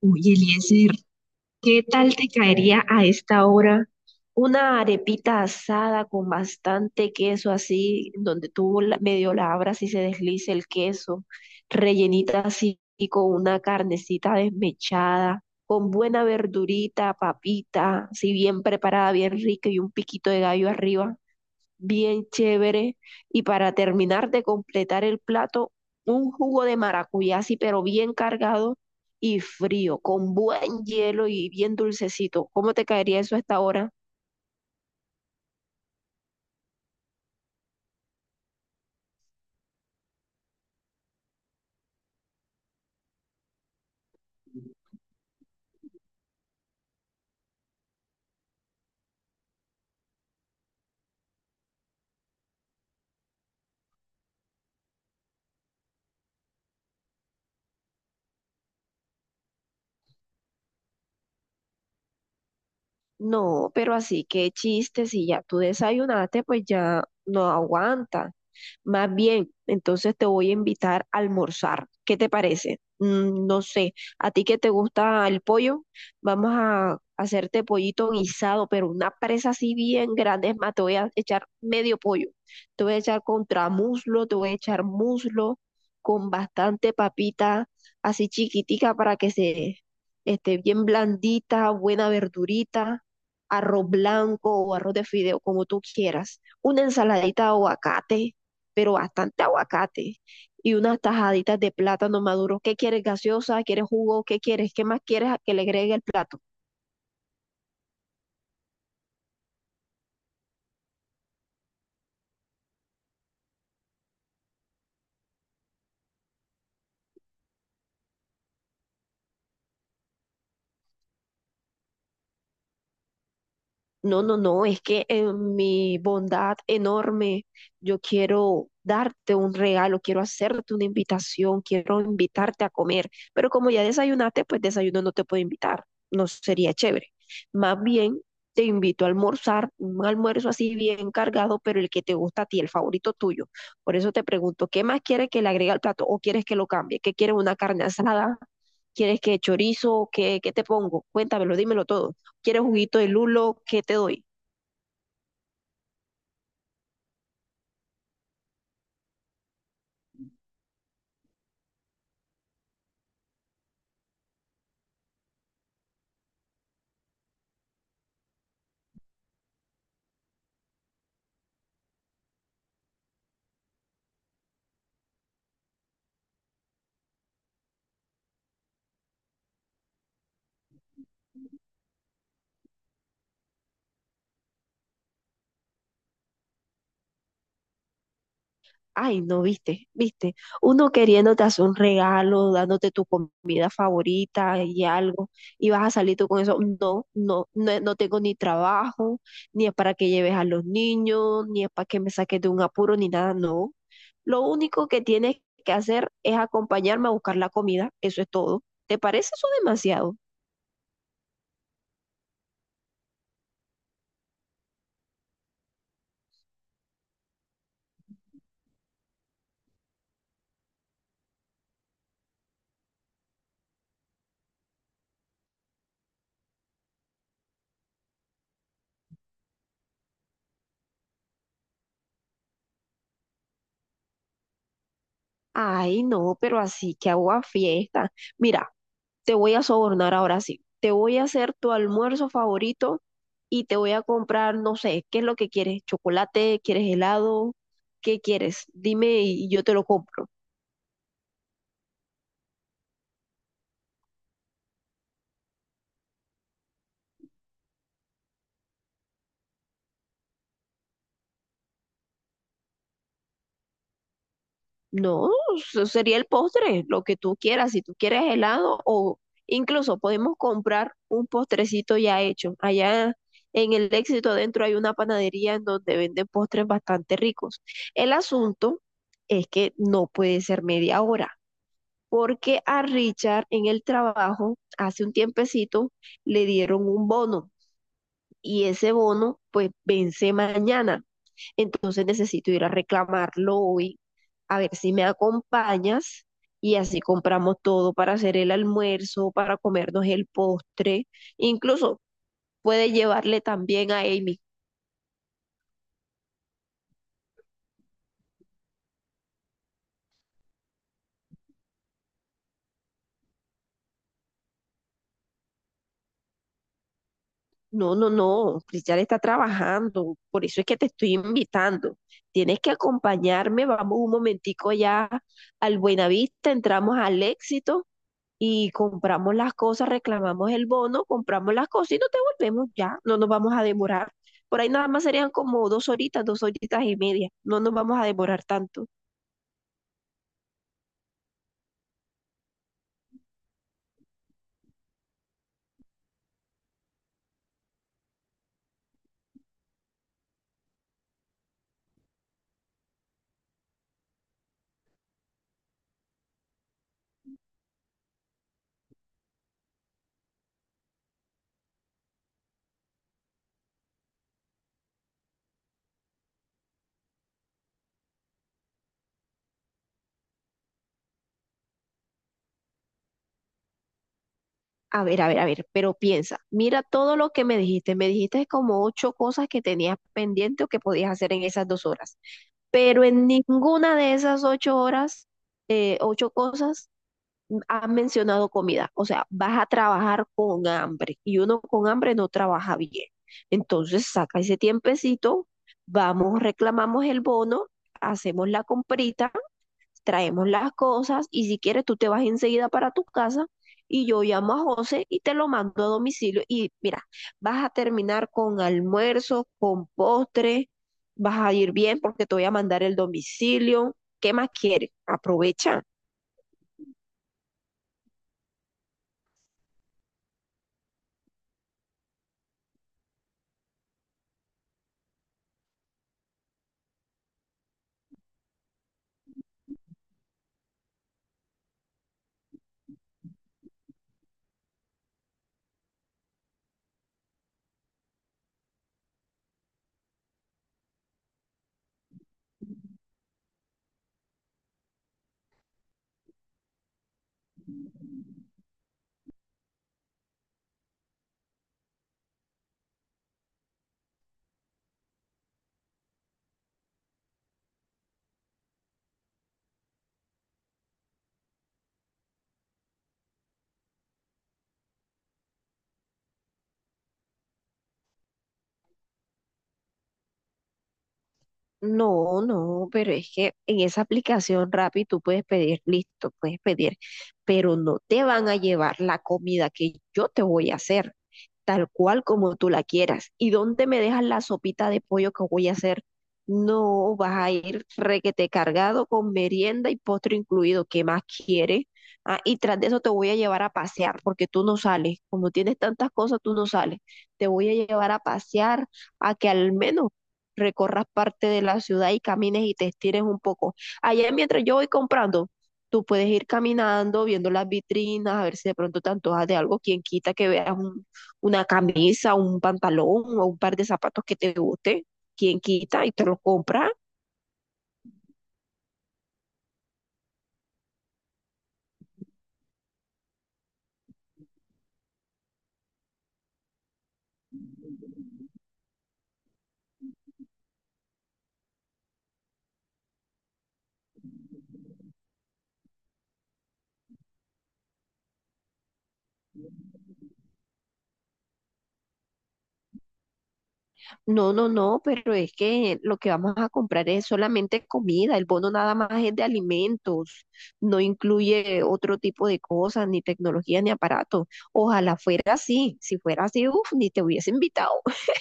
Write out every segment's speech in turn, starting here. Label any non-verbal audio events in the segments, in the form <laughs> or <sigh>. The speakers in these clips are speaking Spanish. Oye, Eliezer, ¿qué tal te caería a esta hora una arepita asada con bastante queso así, donde tú medio la abras y se deslice el queso, rellenita así y con una carnecita desmechada, con buena verdurita, papita, así bien preparada, bien rica y un piquito de gallo arriba? Bien chévere. Y para terminar de completar el plato, un jugo de maracuyá, sí, pero bien cargado y frío, con buen hielo y bien dulcecito. ¿Cómo te caería eso a esta hora? No, pero así, qué chiste, si ya tú desayunaste, pues ya no aguanta. Más bien, entonces te voy a invitar a almorzar. ¿Qué te parece? Mm, no sé, a ti que te gusta el pollo, vamos a hacerte pollito guisado, pero una presa así bien grande. Es más, te voy a echar medio pollo. Te voy a echar contramuslo, te voy a echar muslo con bastante papita así chiquitica para que se esté bien blandita, buena verdurita, arroz blanco o arroz de fideo, como tú quieras, una ensaladita de aguacate pero bastante aguacate y unas tajaditas de plátano maduro. ¿Qué quieres, gaseosa? ¿Quieres jugo? ¿Qué quieres? ¿Qué más quieres que le agregue el plato? No, no, no, es que en mi bondad enorme yo quiero darte un regalo, quiero hacerte una invitación, quiero invitarte a comer, pero como ya desayunaste, pues desayuno no te puedo invitar, no sería chévere. Más bien te invito a almorzar, un almuerzo así bien cargado, pero el que te gusta a ti, el favorito tuyo. Por eso te pregunto, ¿qué más quieres que le agregue al plato o quieres que lo cambie? ¿Qué quieres, una carne asada? ¿Quieres que chorizo? ¿Qué te pongo? Cuéntamelo, dímelo todo. ¿Quieres juguito de lulo? ¿Qué te doy? Ay, no, viste, viste. Uno queriéndote hacer un regalo, dándote tu comida favorita y algo, y vas a salir tú con eso. No, no, no, no tengo ni trabajo, ni es para que lleves a los niños, ni es para que me saques de un apuro, ni nada, no. Lo único que tienes que hacer es acompañarme a buscar la comida, eso es todo. ¿Te parece eso demasiado? Ay, no, pero así que hago a fiesta. Mira, te voy a sobornar ahora sí. Te voy a hacer tu almuerzo favorito y te voy a comprar, no sé, ¿qué es lo que quieres? ¿Chocolate? ¿Quieres helado? ¿Qué quieres? Dime y yo te lo compro. No, eso sería el postre, lo que tú quieras. Si tú quieres helado o incluso podemos comprar un postrecito ya hecho. Allá en el Éxito Adentro hay una panadería en donde venden postres bastante ricos. El asunto es que no puede ser media hora, porque a Richard en el trabajo hace un tiempecito le dieron un bono y ese bono pues vence mañana. Entonces necesito ir a reclamarlo hoy, a ver si me acompañas y así compramos todo para hacer el almuerzo, para comernos el postre, incluso puede llevarle también a Amy. No, no, no, Cristian está trabajando, por eso es que te estoy invitando. Tienes que acompañarme, vamos un momentico ya al Buenavista, entramos al Éxito y compramos las cosas, reclamamos el bono, compramos las cosas y nos devolvemos ya, no nos vamos a demorar. Por ahí nada más serían como dos horitas y media, no nos vamos a demorar tanto. A ver, a ver, a ver, pero piensa, mira todo lo que me dijiste como ocho cosas que tenías pendiente o que podías hacer en esas 2 horas, pero en ninguna de esas 8 horas, ocho cosas, han mencionado comida. O sea, vas a trabajar con hambre y uno con hambre no trabaja bien. Entonces, saca ese tiempecito, vamos, reclamamos el bono, hacemos la comprita, traemos las cosas y si quieres tú te vas enseguida para tu casa y yo llamo a José y te lo mando a domicilio y mira, vas a terminar con almuerzo, con postre, vas a ir bien porque te voy a mandar el domicilio. ¿Qué más quieres? Aprovecha. No, no, pero es que en esa aplicación Rappi tú puedes pedir, listo, puedes pedir, pero no te van a llevar la comida que yo te voy a hacer, tal cual como tú la quieras. ¿Y dónde me dejas la sopita de pollo que voy a hacer? No, vas a ir requete cargado con merienda y postre incluido, ¿qué más quieres? Ah, y tras de eso te voy a llevar a pasear, porque tú no sales, como tienes tantas cosas, tú no sales. Te voy a llevar a pasear a que al menos recorras parte de la ciudad y camines y te estires un poco. Allá mientras yo voy comprando, tú puedes ir caminando, viendo las vitrinas, a ver si de pronto te antojas de algo, quien quita que veas una camisa, un pantalón o un par de zapatos que te guste, quien quita y te los compras. No, no, no, pero es que lo que vamos a comprar es solamente comida, el bono nada más es de alimentos, no incluye otro tipo de cosas, ni tecnología, ni aparato. Ojalá fuera así, si fuera así, uff, ni te hubiese invitado, <laughs>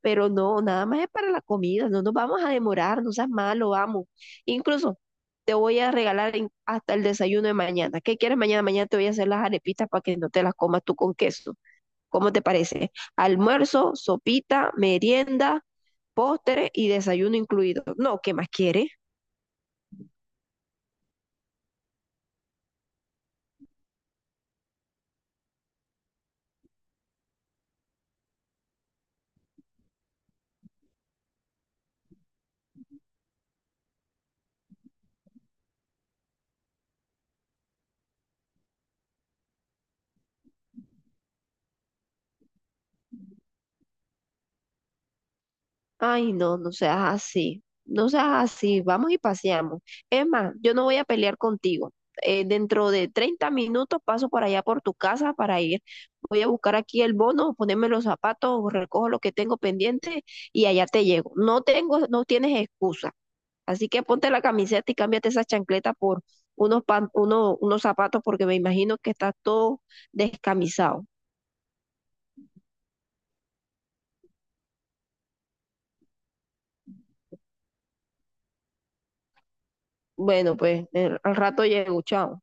pero no, nada más es para la comida, no nos vamos a demorar, no seas malo, vamos. Incluso te voy a regalar hasta el desayuno de mañana. ¿Qué quieres mañana? Mañana te voy a hacer las arepitas para que no te las comas tú con queso. ¿Cómo te parece? Almuerzo, sopita, merienda, postre y desayuno incluido. No, ¿qué más quieres? Ay, no, no seas así, no seas así, vamos y paseamos. Es más, yo no voy a pelear contigo. Dentro de 30 minutos paso por allá por tu casa para ir. Voy a buscar aquí el bono, ponerme los zapatos, recojo lo que tengo pendiente y allá te llego. No tengo, no tienes excusa. Así que ponte la camiseta y cámbiate esa chancleta por unos zapatos porque me imagino que estás todo descamisado. Bueno, pues al rato llego, chao.